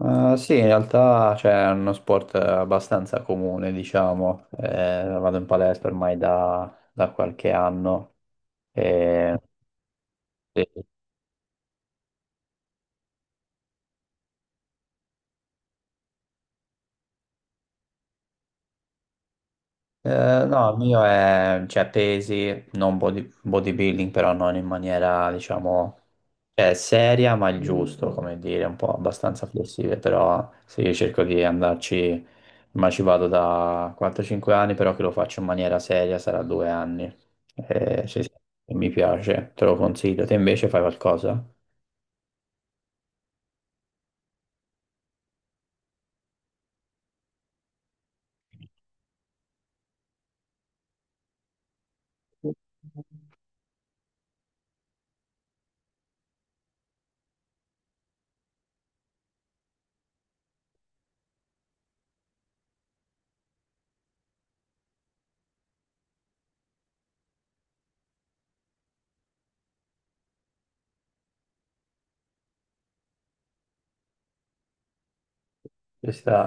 Sì, in realtà è uno sport abbastanza comune, diciamo. Vado in palestra ormai da qualche anno. E, sì. No, il mio è, cioè, pesi, non bodybuilding, però non in maniera, diciamo, cioè, seria, ma il giusto, come dire, un po' abbastanza flessibile, però sì, io cerco di andarci, ma ci vado da 4-5 anni, però che lo faccio in maniera seria sarà 2 anni. Sì, sì, mi piace, te lo consiglio. Te invece fai qualcosa? Ci sta.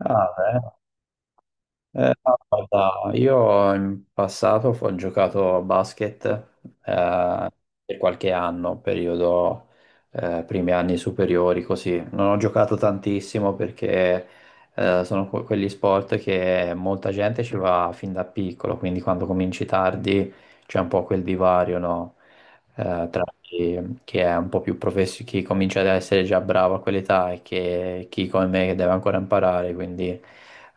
Ah, beh. No, guarda, io in passato ho giocato a basket eh, per qualche anno, periodo primi anni superiori, così. Non ho giocato tantissimo perché sono quegli sport che molta gente ci va fin da piccolo, quindi quando cominci tardi c'è un po' quel divario, no? Tra chi, chi è un po' più professionista, chi comincia ad essere già bravo a quell'età e che, chi come me che deve ancora imparare, quindi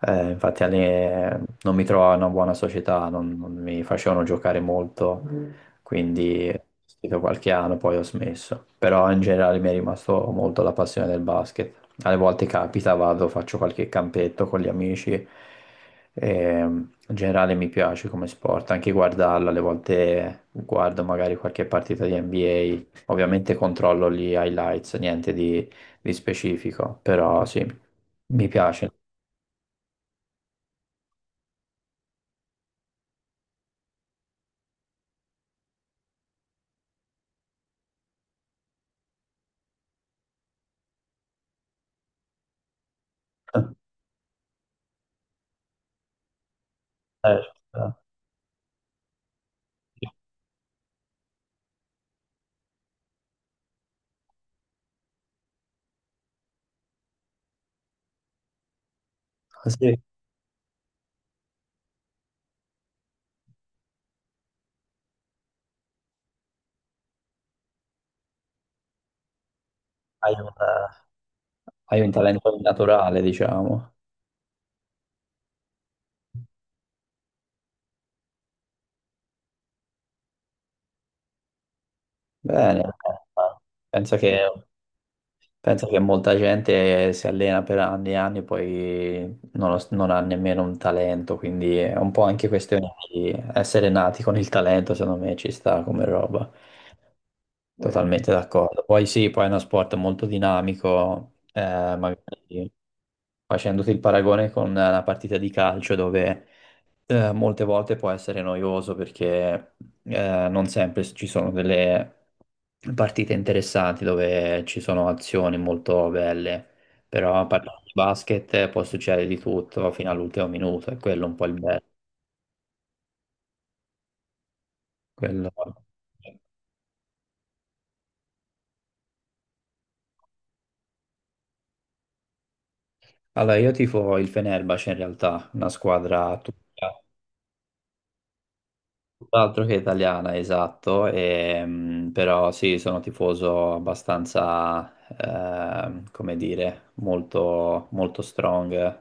infatti non mi trovavo in una buona società, non mi facevano giocare molto. Mm. Quindi ho seguito qualche anno, poi ho smesso, però in generale mi è rimasto molto la passione del basket. Alle volte capita, vado, faccio qualche campetto con gli amici. In generale mi piace come sport, anche guardarlo, alle volte guardo magari qualche partita di NBA, ovviamente controllo gli highlights, niente di, di specifico, però sì, mi piace. Eh, eh, sì, hai hai un talento naturale, diciamo. Bene. Penso che Penso che molta gente si allena per anni e anni e poi non ha nemmeno un talento, quindi è un po' anche questione di essere nati con il talento, secondo me ci sta come roba. Totalmente d'accordo. Poi sì, poi è uno sport molto dinamico, magari facendoti il paragone con una partita di calcio dove molte volte può essere noioso perché non sempre ci sono delle partite interessanti dove ci sono azioni molto belle, però parlando di basket può succedere di tutto fino all'ultimo minuto, è quello un po' il bello. quello- Allora, io tifo il Fenerbahce in realtà, una squadra turca. Tutt'altro che italiana, esatto, però sì, sono tifoso abbastanza, come dire, molto strong,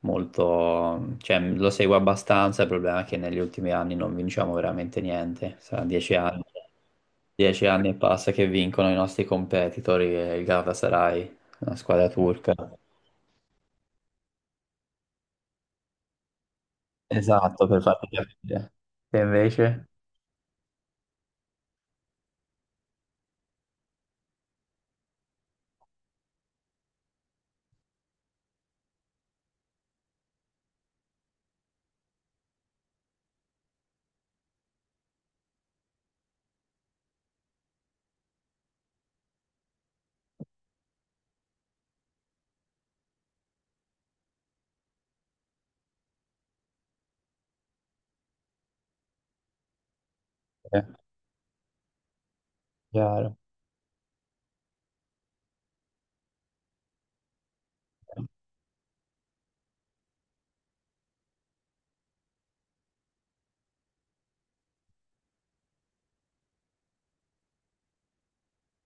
molto, cioè, lo seguo abbastanza, il problema è che negli ultimi anni non vinciamo veramente niente, saranno 10 anni e passa che vincono i nostri competitor, il Galatasaray, una squadra turca. Esatto, per farti capire. E invece? Eh, Chiaro.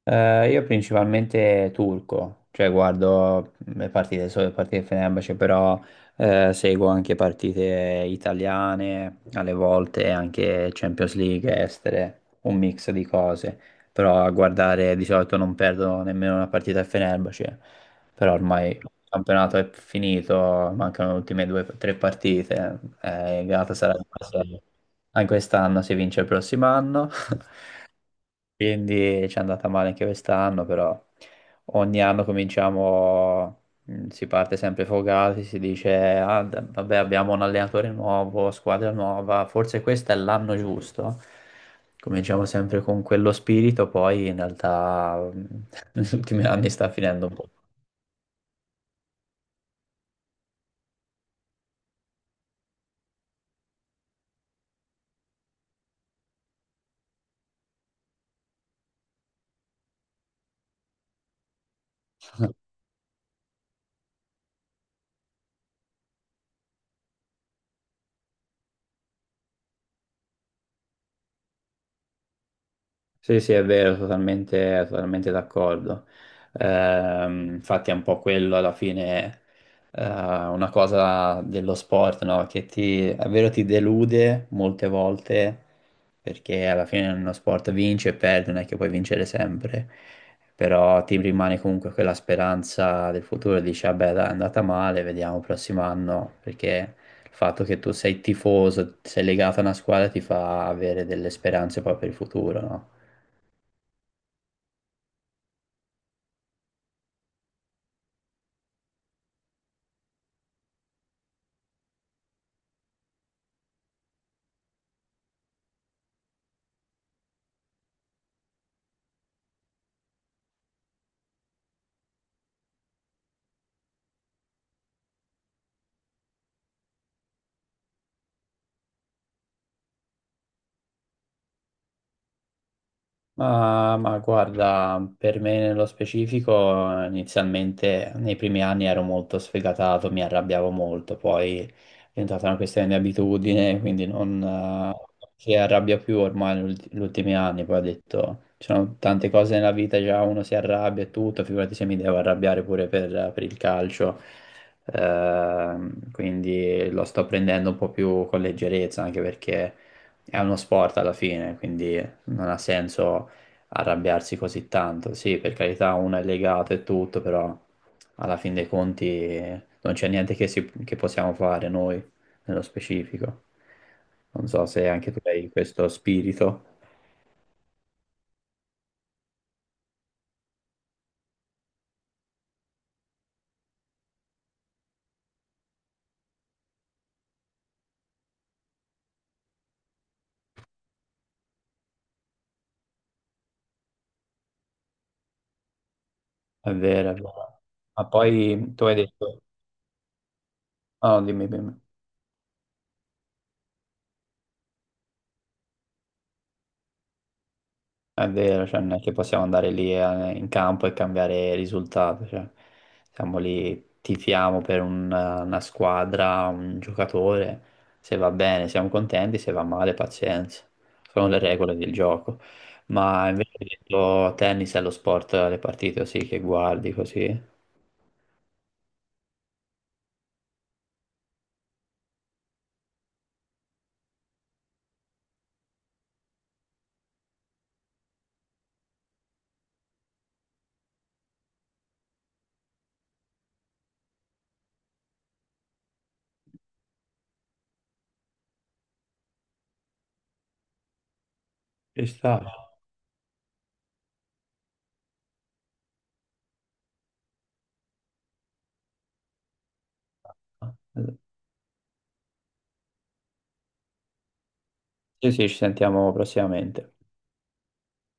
Io principalmente turco, cioè guardo le partite, solo le partite di Fenerbahce, però seguo anche partite italiane, alle volte anche Champions League estere, un mix di cose, però a guardare di solito non perdo nemmeno una partita a Fenerbahce, però ormai il campionato è finito, mancano le ultime due o tre partite, Galatasaray sarà anche quest'anno, si vince il prossimo anno. Quindi ci è andata male anche quest'anno, però ogni anno cominciamo, si parte sempre fogati, si dice, "Ah, vabbè, abbiamo un allenatore nuovo, squadra nuova, forse questo è l'anno giusto. Cominciamo sempre con quello spirito, poi in realtà negli ultimi anni sta finendo un po'. Sì, sì, è vero, totalmente d'accordo. Infatti è un po' quello alla fine, una cosa dello sport, no? Che ti, è vero, ti delude molte volte, perché alla fine uno sport vince e perde, non è che puoi vincere sempre, però ti rimane comunque quella speranza del futuro, dici, vabbè, dai, è andata male, vediamo il prossimo anno, perché il fatto che tu sei tifoso, sei legato a una squadra ti fa avere delle speranze poi per il futuro, no? Ma guarda, per me nello specifico, inizialmente nei primi anni ero molto sfegatato, mi arrabbiavo molto, poi è diventata una questione di abitudine, quindi non si arrabbia più ormai negli ultimi anni, poi ho detto, ci sono tante cose nella vita, già uno si arrabbia e tutto, figurati se mi devo arrabbiare pure per il calcio. Quindi lo sto prendendo un po' più con leggerezza, anche perché è uno sport alla fine, quindi non ha senso arrabbiarsi così tanto. Sì, per carità, uno è legato e tutto, però alla fin dei conti non c'è niente che, che possiamo fare noi nello specifico. Non so se anche tu hai questo spirito. È vero, è vero. Ma poi tu hai detto... Ah, no, dimmi, dimmi. È vero, cioè non è che possiamo andare lì in campo e cambiare risultato, cioè, siamo lì, tifiamo per una squadra, un giocatore, se va bene siamo contenti, se va male pazienza, sono le regole del gioco. Ma invece hai detto tennis è lo sport, le partite sì che guardi così, ci sta. Sì, sì, ci sentiamo prossimamente.